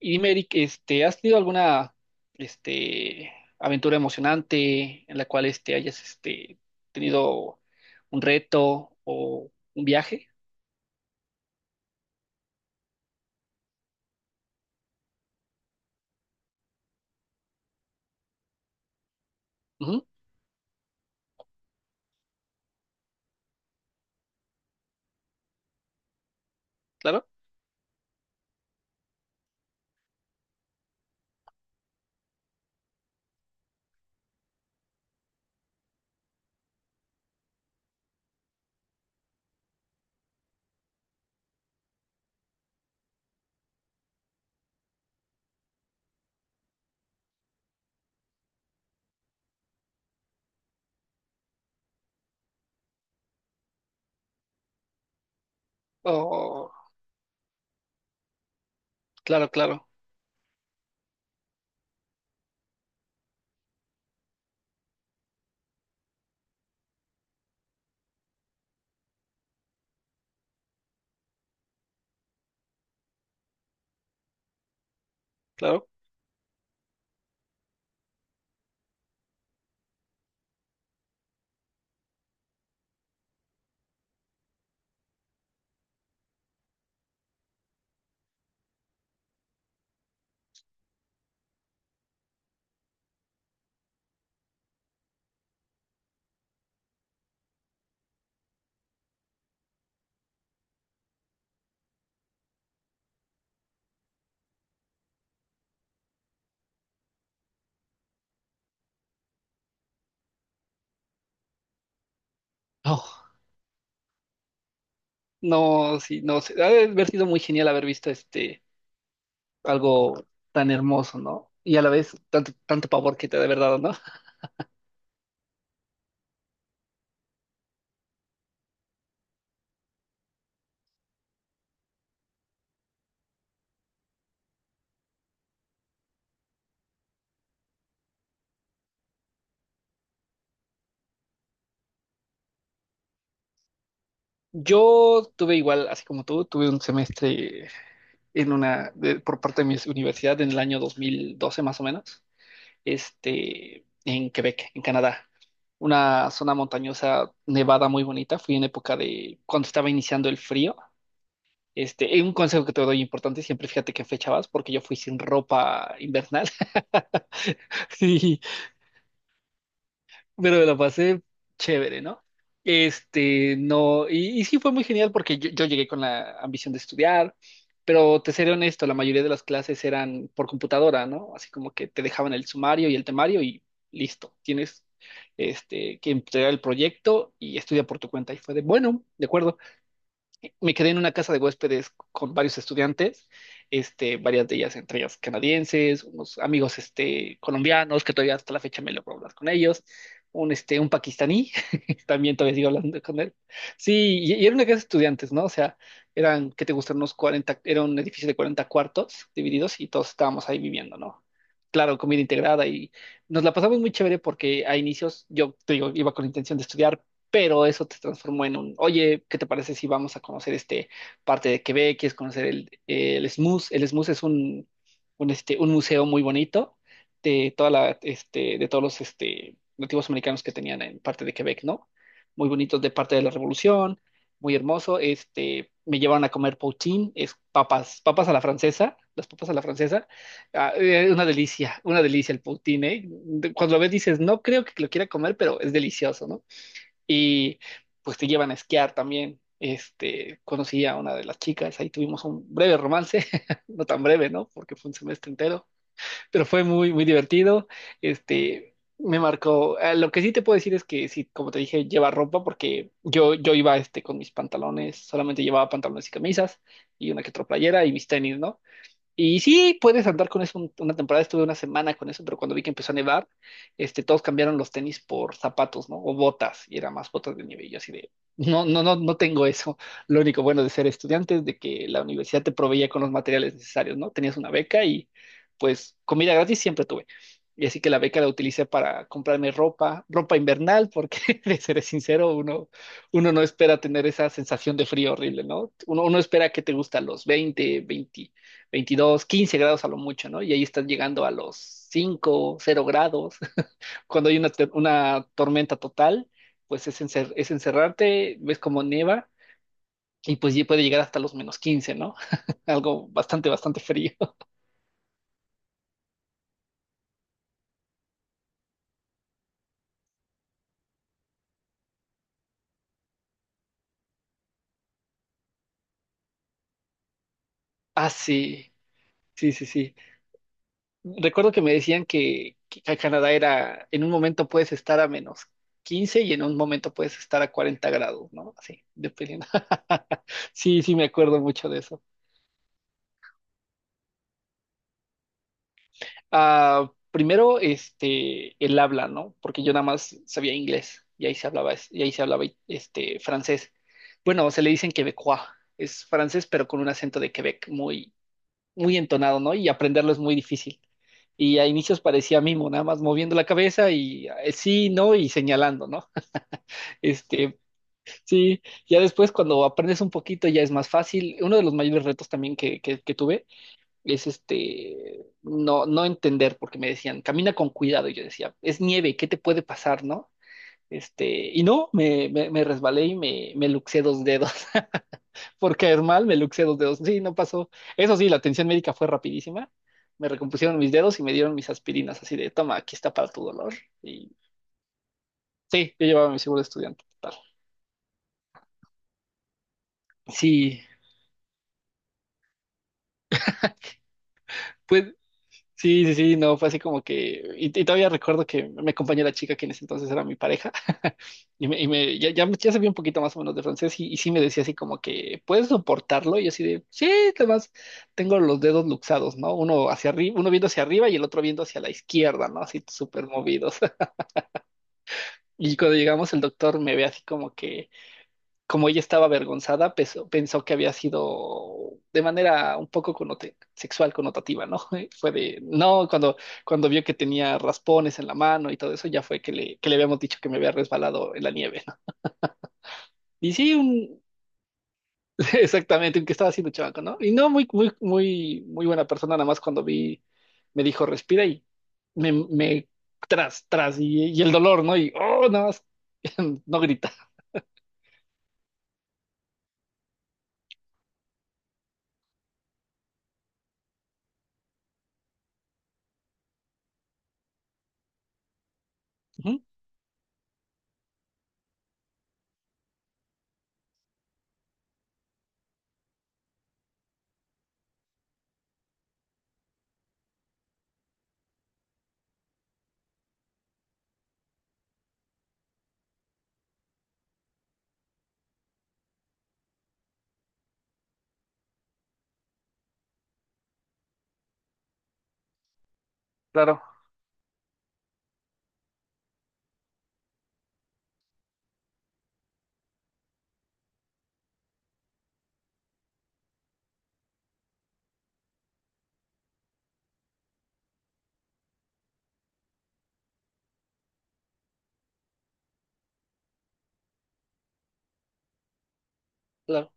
Y dime, Eric, ¿has tenido alguna, este, aventura emocionante en la cual, hayas, tenido un reto o un viaje? Ujú, claro. Oh, claro, claro, claro. Oh, no, sí, no, sé. Ha de haber sido muy genial haber visto, algo tan hermoso, ¿no? Y a la vez tanto, tanto pavor que te ha de haber dado, ¿no? Yo tuve igual, así como tú, tuve un semestre por parte de mi universidad en el año 2012 más o menos, en Quebec, en Canadá. Una zona montañosa, nevada, muy bonita. Fui en época de cuando estaba iniciando el frío. Y un consejo que te doy importante: siempre fíjate qué fecha vas, porque yo fui sin ropa invernal. Sí, pero me lo pasé chévere, ¿no? No, sí fue muy genial, porque yo llegué con la ambición de estudiar, pero te seré honesto, la mayoría de las clases eran por computadora, ¿no? Así como que te dejaban el sumario y el temario y listo, tienes, que entregar el proyecto y estudia por tu cuenta. Y fue de, bueno, de acuerdo, me quedé en una casa de huéspedes con varios estudiantes, varias de ellas, entre ellas canadienses, unos amigos, colombianos, que todavía hasta la fecha me logro hablar con ellos, un pakistaní, también todavía sigo hablando con él. Sí, y era una casa de estudiantes, ¿no? O sea, eran, ¿qué te gustan?, unos 40, era un edificio de 40 cuartos divididos y todos estábamos ahí viviendo, ¿no? Claro, comida integrada. Y nos la pasamos muy chévere, porque a inicios, yo te digo, iba con la intención de estudiar, pero eso te transformó en oye, ¿qué te parece si vamos a conocer este parte de Quebec? ¿Quieres conocer el, SMUS? El SMUS es un museo muy bonito de todos los, nativos americanos que tenían en parte de Quebec, ¿no? Muy bonitos de parte de la Revolución, muy hermoso. Me llevaron a comer poutine. Es papas, papas a la francesa, las papas a la francesa. Ah, una delicia el poutine, ¿eh? Cuando lo ves dices: no creo que lo quiera comer, pero es delicioso, ¿no? Y pues te llevan a esquiar también. Conocí a una de las chicas, ahí tuvimos un breve romance, no tan breve, ¿no?, porque fue un semestre entero, pero fue muy, muy divertido. Me marcó. Lo que sí te puedo decir es que sí, como te dije, lleva ropa, porque yo iba, con mis pantalones, solamente llevaba pantalones y camisas y una que otra playera y mis tenis, ¿no? Y sí, puedes andar con eso. Una temporada estuve una semana con eso, pero cuando vi que empezó a nevar, todos cambiaron los tenis por zapatos, ¿no? O botas, y era más botas de nieve. Y yo así de, no, no, no, no tengo eso. Lo único bueno de ser estudiante es de que la universidad te proveía con los materiales necesarios, ¿no? Tenías una beca y pues comida gratis siempre tuve. Y así que la beca la utilicé para comprarme ropa, ropa invernal, porque de seré sincero, uno no espera tener esa sensación de frío horrible, ¿no? Uno espera que te gusta los 20 20, 22, 15 grados a lo mucho, ¿no? Y ahí estás llegando a los 5, 0 grados. Cuando hay una tormenta total, pues es encerrarte, ves como nieva y pues ya puede llegar hasta los menos 15, ¿no? Algo bastante, bastante frío. Ah, sí, sí, sí, sí. Recuerdo que me decían que, acá en Canadá era, en un momento puedes estar a menos 15 y en un momento puedes estar a 40 grados, ¿no? Así, dependiendo. Sí, sí, me acuerdo mucho de eso. Ah, primero, el habla, ¿no? Porque yo nada más sabía inglés y ahí se hablaba, es- y ahí se hablaba, francés. Bueno, se le dicen quebecois, es francés, pero con un acento de Quebec muy, muy entonado, ¿no? Y aprenderlo es muy difícil. Y a inicios parecía mimo, nada más moviendo la cabeza y, sí, no, y señalando, ¿no? Este, sí, ya después, cuando aprendes un poquito, ya es más fácil. Uno de los mayores retos también, que, que tuve, es, no entender, porque me decían, camina con cuidado, y yo decía, es nieve, ¿qué te puede pasar, no? Este, y no, me resbalé y me luxé dos dedos, por caer mal, me luxé dos dedos. Sí, no pasó, eso sí, la atención médica fue rapidísima, me recompusieron mis dedos y me dieron mis aspirinas, así de, toma, aquí está para tu dolor, y sí, yo llevaba mi seguro de estudiante, total. Sí, pues. Sí, sí, sí, no, fue así como que, y todavía recuerdo que me acompañó la chica que en ese entonces era mi pareja, ya, ya, ya sabía un poquito más o menos de francés, y sí me decía así como que, ¿puedes soportarlo? Y yo así de, sí, además tengo los dedos luxados, ¿no? Uno hacia arriba, uno viendo hacia arriba y el otro viendo hacia la izquierda, ¿no? Así súper movidos. Y cuando llegamos, el doctor me ve así como que, como ella estaba avergonzada, pensó que había sido de manera un poco sexual connotativa, ¿no? Fue de, no, cuando vio que tenía raspones en la mano y todo eso, ya fue que le, habíamos dicho que me había resbalado en la nieve, ¿no? Y sí, un. Exactamente, un que estaba haciendo chamaco, ¿no? Y no, muy, muy, muy, muy buena persona. Nada más cuando vi, me dijo, respira, y me tras, tras, y el dolor, ¿no? Y, oh, nada más, no grita. Ujú. Claro, claro,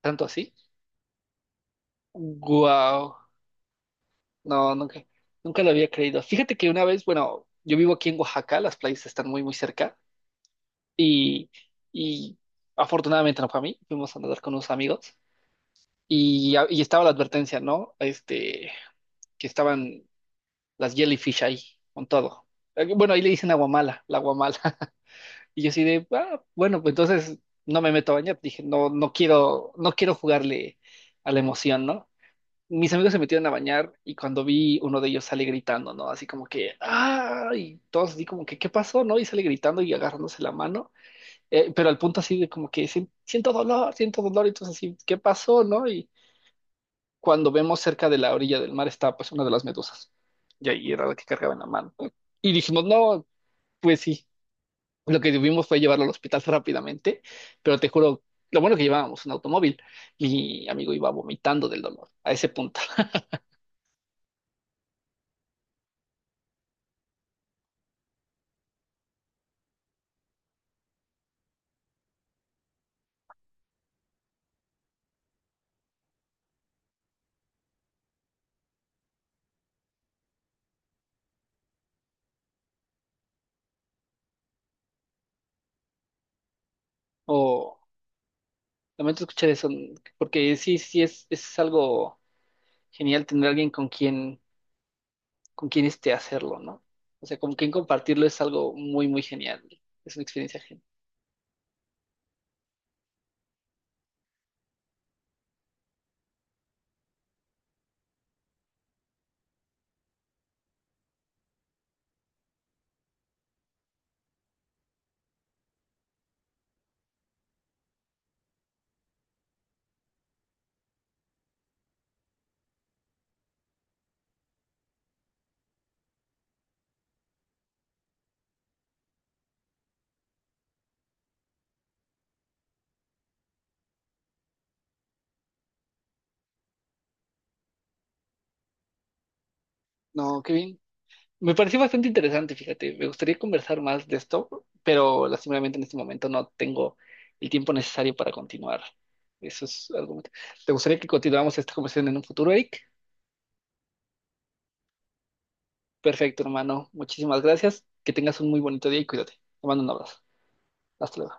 tanto así. Guau. No, nunca lo había creído. Fíjate que una vez, bueno, yo vivo aquí en Oaxaca, las playas están muy, muy cerca, y, y afortunadamente no fue a mí, fuimos a nadar con unos amigos y estaba la advertencia, ¿no? Que estaban las jellyfish ahí, con todo. Bueno ahí le dicen aguamala, la aguamala. Y yo así de: "Ah, bueno, pues entonces no me meto a bañar". Dije, no, no quiero, no quiero jugarle a la emoción, ¿no? Mis amigos se metieron a bañar y cuando vi, uno de ellos sale gritando, ¿no? Así como que, ¡ah! Y todos así como que, ¿qué pasó? ¿No? Y sale gritando y agarrándose la mano, pero al punto así de como que: "Sien- siento dolor, siento dolor", y entonces así, ¿qué pasó? ¿No? Y cuando vemos, cerca de la orilla del mar está pues una de las medusas, y ahí era la que cargaba en la mano. Y dijimos, no, pues sí, lo que tuvimos fue llevarlo al hospital rápidamente, pero te juro, lo bueno que llevábamos un automóvil, mi amigo iba vomitando del dolor, a ese punto. O Lamento escuchar eso, porque sí, sí es algo genial tener alguien con quien este hacerlo, ¿no? O sea, con quien compartirlo es algo muy, muy genial. Es una experiencia genial. No, qué bien. Me pareció bastante interesante, fíjate. Me gustaría conversar más de esto, pero lastimadamente en este momento no tengo el tiempo necesario para continuar. Eso es algo. ¿Te gustaría que continuáramos esta conversación en un futuro, Eric? Perfecto, hermano. Muchísimas gracias. Que tengas un muy bonito día y cuídate. Te mando un abrazo. Hasta luego.